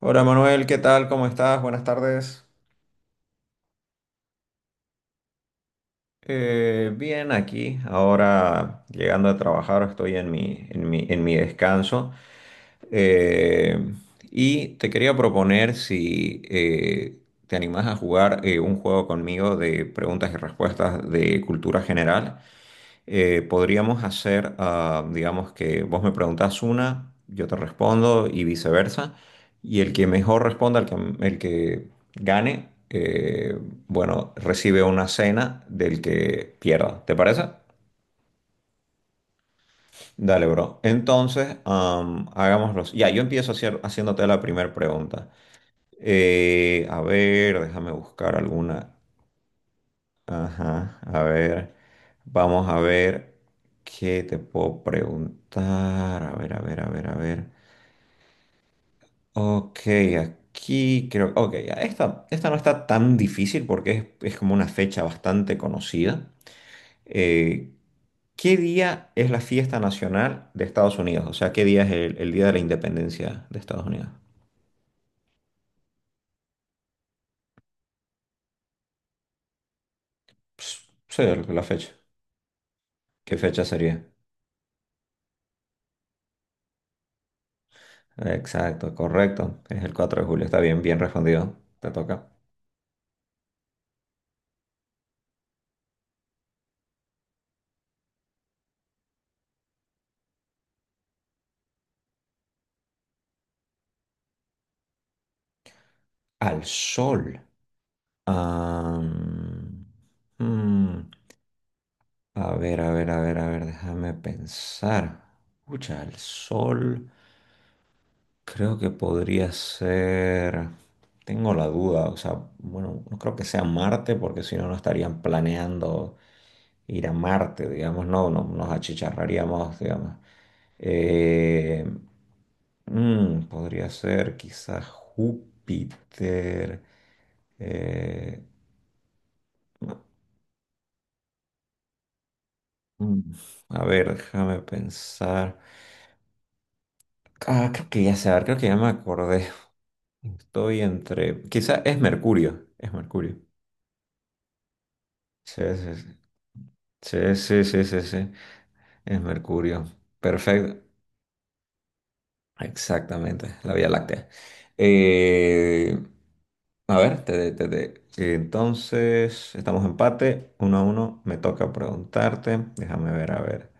Hola Manuel, ¿qué tal? ¿Cómo estás? Buenas tardes. Bien, aquí, ahora llegando a trabajar, estoy en mi descanso. Eh, y te quería proponer si te animás a jugar un juego conmigo de preguntas y respuestas de cultura general. Podríamos hacer, digamos que vos me preguntás una, yo te respondo y viceversa, y el que mejor responda, el que gane, bueno, recibe una cena del que pierda, ¿te parece? Dale, bro. Entonces, hagámoslo. Ya, yo empiezo haciéndote la primera pregunta. A ver, déjame buscar alguna. Ajá, a ver, vamos a ver qué te puedo preguntar. A ver, a ver, a ver, a ver. Ok, aquí creo, ok, ya, esta no está tan difícil porque es como una fecha bastante conocida. Eh, ¿Qué día es la fiesta nacional de Estados Unidos? O sea, ¿qué día es el día de la independencia de Estados Unidos? Sí, la fecha. ¿Qué fecha sería? Exacto, correcto. Es el 4 de julio. Está bien, bien respondido. Te toca. Al sol. Am, mm, a ver, a ver, a ver, a ver, déjame pensar. Escucha, al sol creo que podría ser. Tengo la duda, o sea, bueno, no creo que sea Marte porque si no, no estarían planeando ir a Marte, digamos, no, no nos achicharraríamos, digamos. Eh, Podría ser quizás Júpiter. Eh, Mm, A ver, déjame pensar. Ah, creo que ya sé, creo que ya me acordé. Estoy entre. Quizá es Mercurio. Es Mercurio. Sí, sí, sí. Sí, sí, sí, sí, sí. Es Mercurio. Perfecto. Exactamente. La Vía Láctea. Eh, a ver, te- te- Entonces estamos empate. Uno a uno. Me toca preguntarte. Déjame ver, a ver.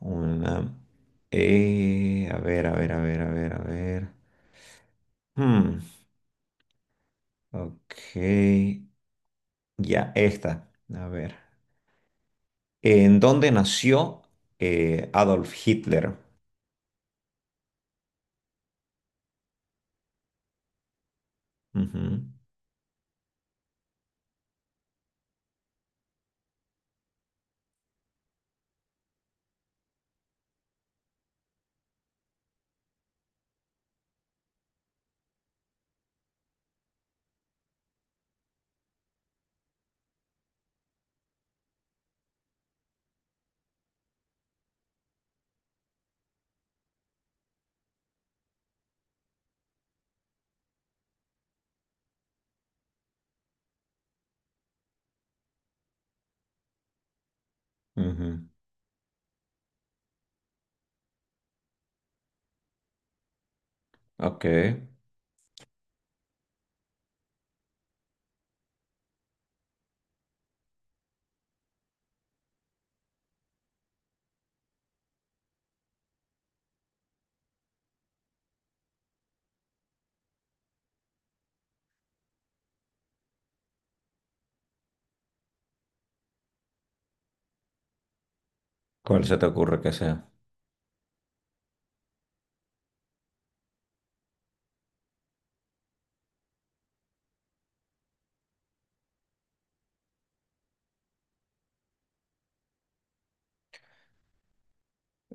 Una. A ver, a ver, a ver, a ver, a ver. Hmm, Ok, ya esta. A ver. ¿En dónde nació Adolf Hitler? Ujú, ujú. Ok. ¿Cuál se te ocurre que sea?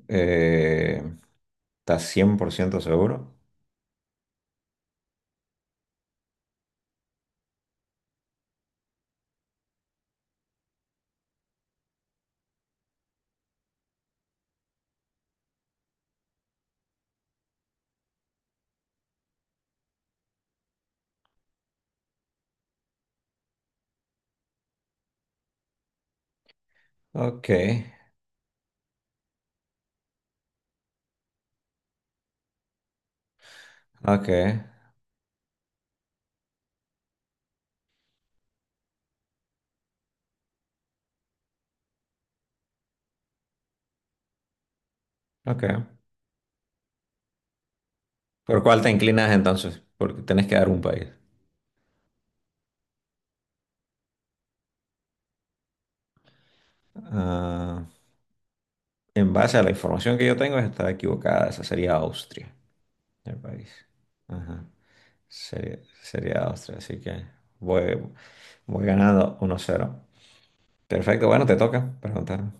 Eh, ¿Estás 100% seguro? Ok, ok, ok. ¿Por cuál te inclinas entonces? Porque tenés que dar un país. Ah, en base a la información que yo tengo, está equivocada. Esa sería Austria, el país. Ajá. Sería Austria, así que voy, voy ganando 1-0. Perfecto, bueno, te toca preguntarme.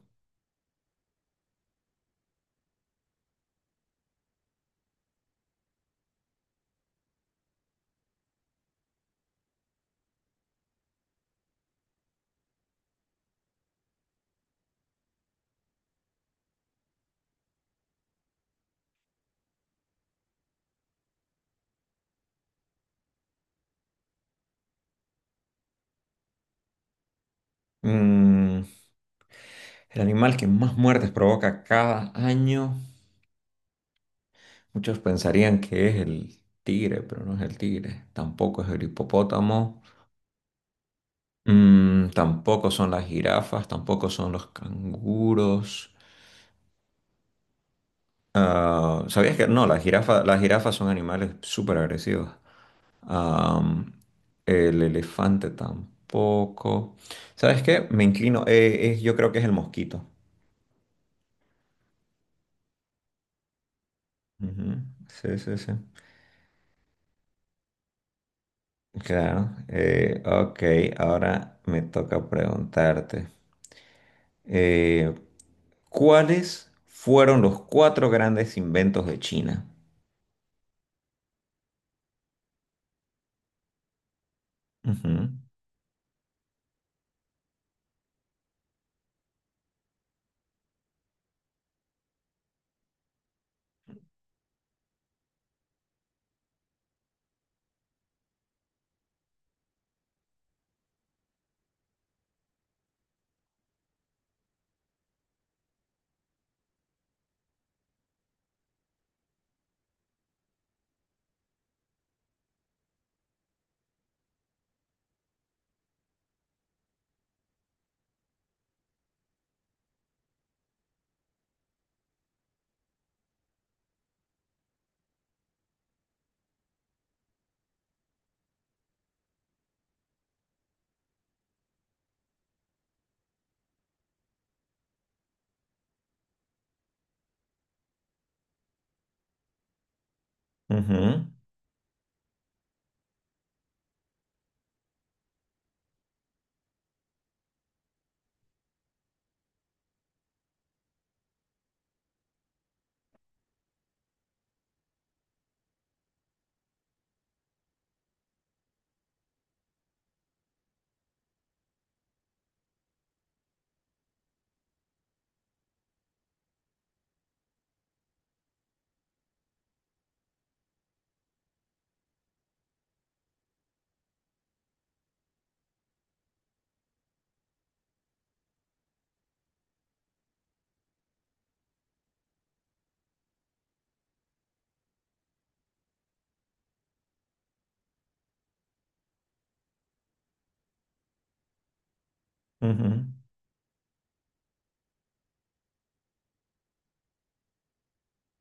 Mm, el animal que más muertes provoca cada año, muchos pensarían que es el tigre, pero no es el tigre, tampoco es el hipopótamo. Mm, tampoco son las jirafas, tampoco son los canguros. Ah, ¿sabías que no? Las jirafas son animales súper agresivos. Am, el elefante tampoco. ¿Sabes qué? Me inclino. Yo creo que es el mosquito. Ujú, sí, sí, sí. Claro. Ok, ahora me toca preguntarte. eh, ¿Cuáles fueron los cuatro grandes inventos de China? Ujú, ujú, ujú.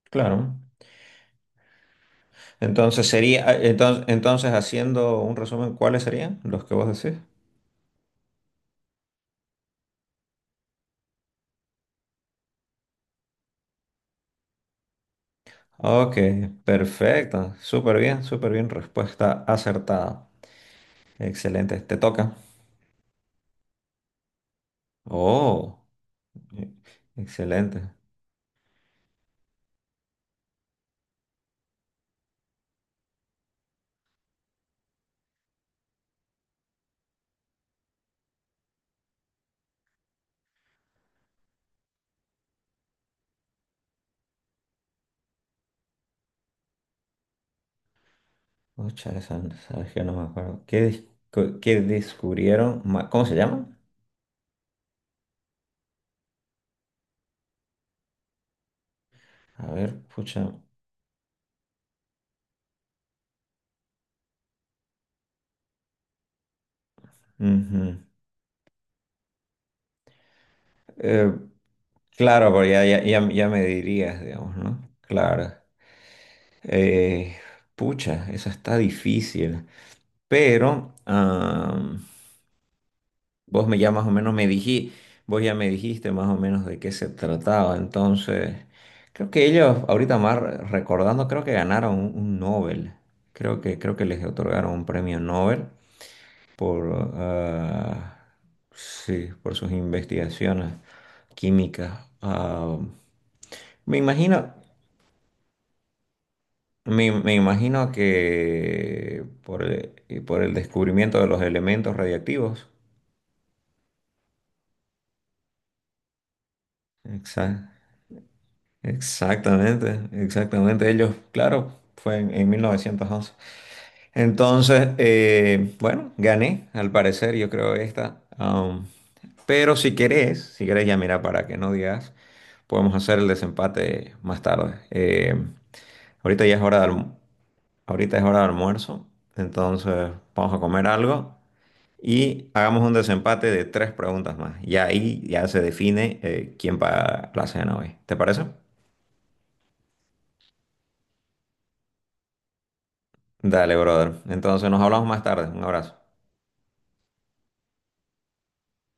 Claro. Entonces sería, entonces haciendo un resumen, ¿cuáles serían los que vos decís? Ok, perfecto. Súper bien, súper bien. Respuesta acertada. Excelente. Te toca. Oh, e- excelente. Pucha, sabes que no me acuerdo. ¿Qué descubrieron? ¿Cómo se llama? A ver, pucha. Ujú. Eh, claro, porque ya me dirías, digamos, ¿no? Claro. Eh, Pucha, esa está difícil. Pero, vos me ya más o menos me dijiste, vos ya me dijiste más o menos de qué se trataba. Entonces, creo que ellos, ahorita más recordando, creo que ganaron un Nobel. Creo que les otorgaron un premio Nobel por, ah, sí, por sus investigaciones químicas. Ah, me imagino, me imagino que por por el descubrimiento de los elementos radiactivos. Exacto. Exactamente, exactamente. Ellos, claro, fue en 1911. Entonces, bueno, gané, al parecer, yo creo esta. Pero si querés, si querés ya mira, para que no digas, podemos hacer el desempate más tarde. Ahorita ya es hora de, ahorita es hora de almuerzo, entonces vamos a comer algo y hagamos un desempate de tres preguntas más. Y ahí ya se define quién paga la cena hoy. ¿Te parece? Dale, brother. Entonces nos hablamos más tarde. Un abrazo.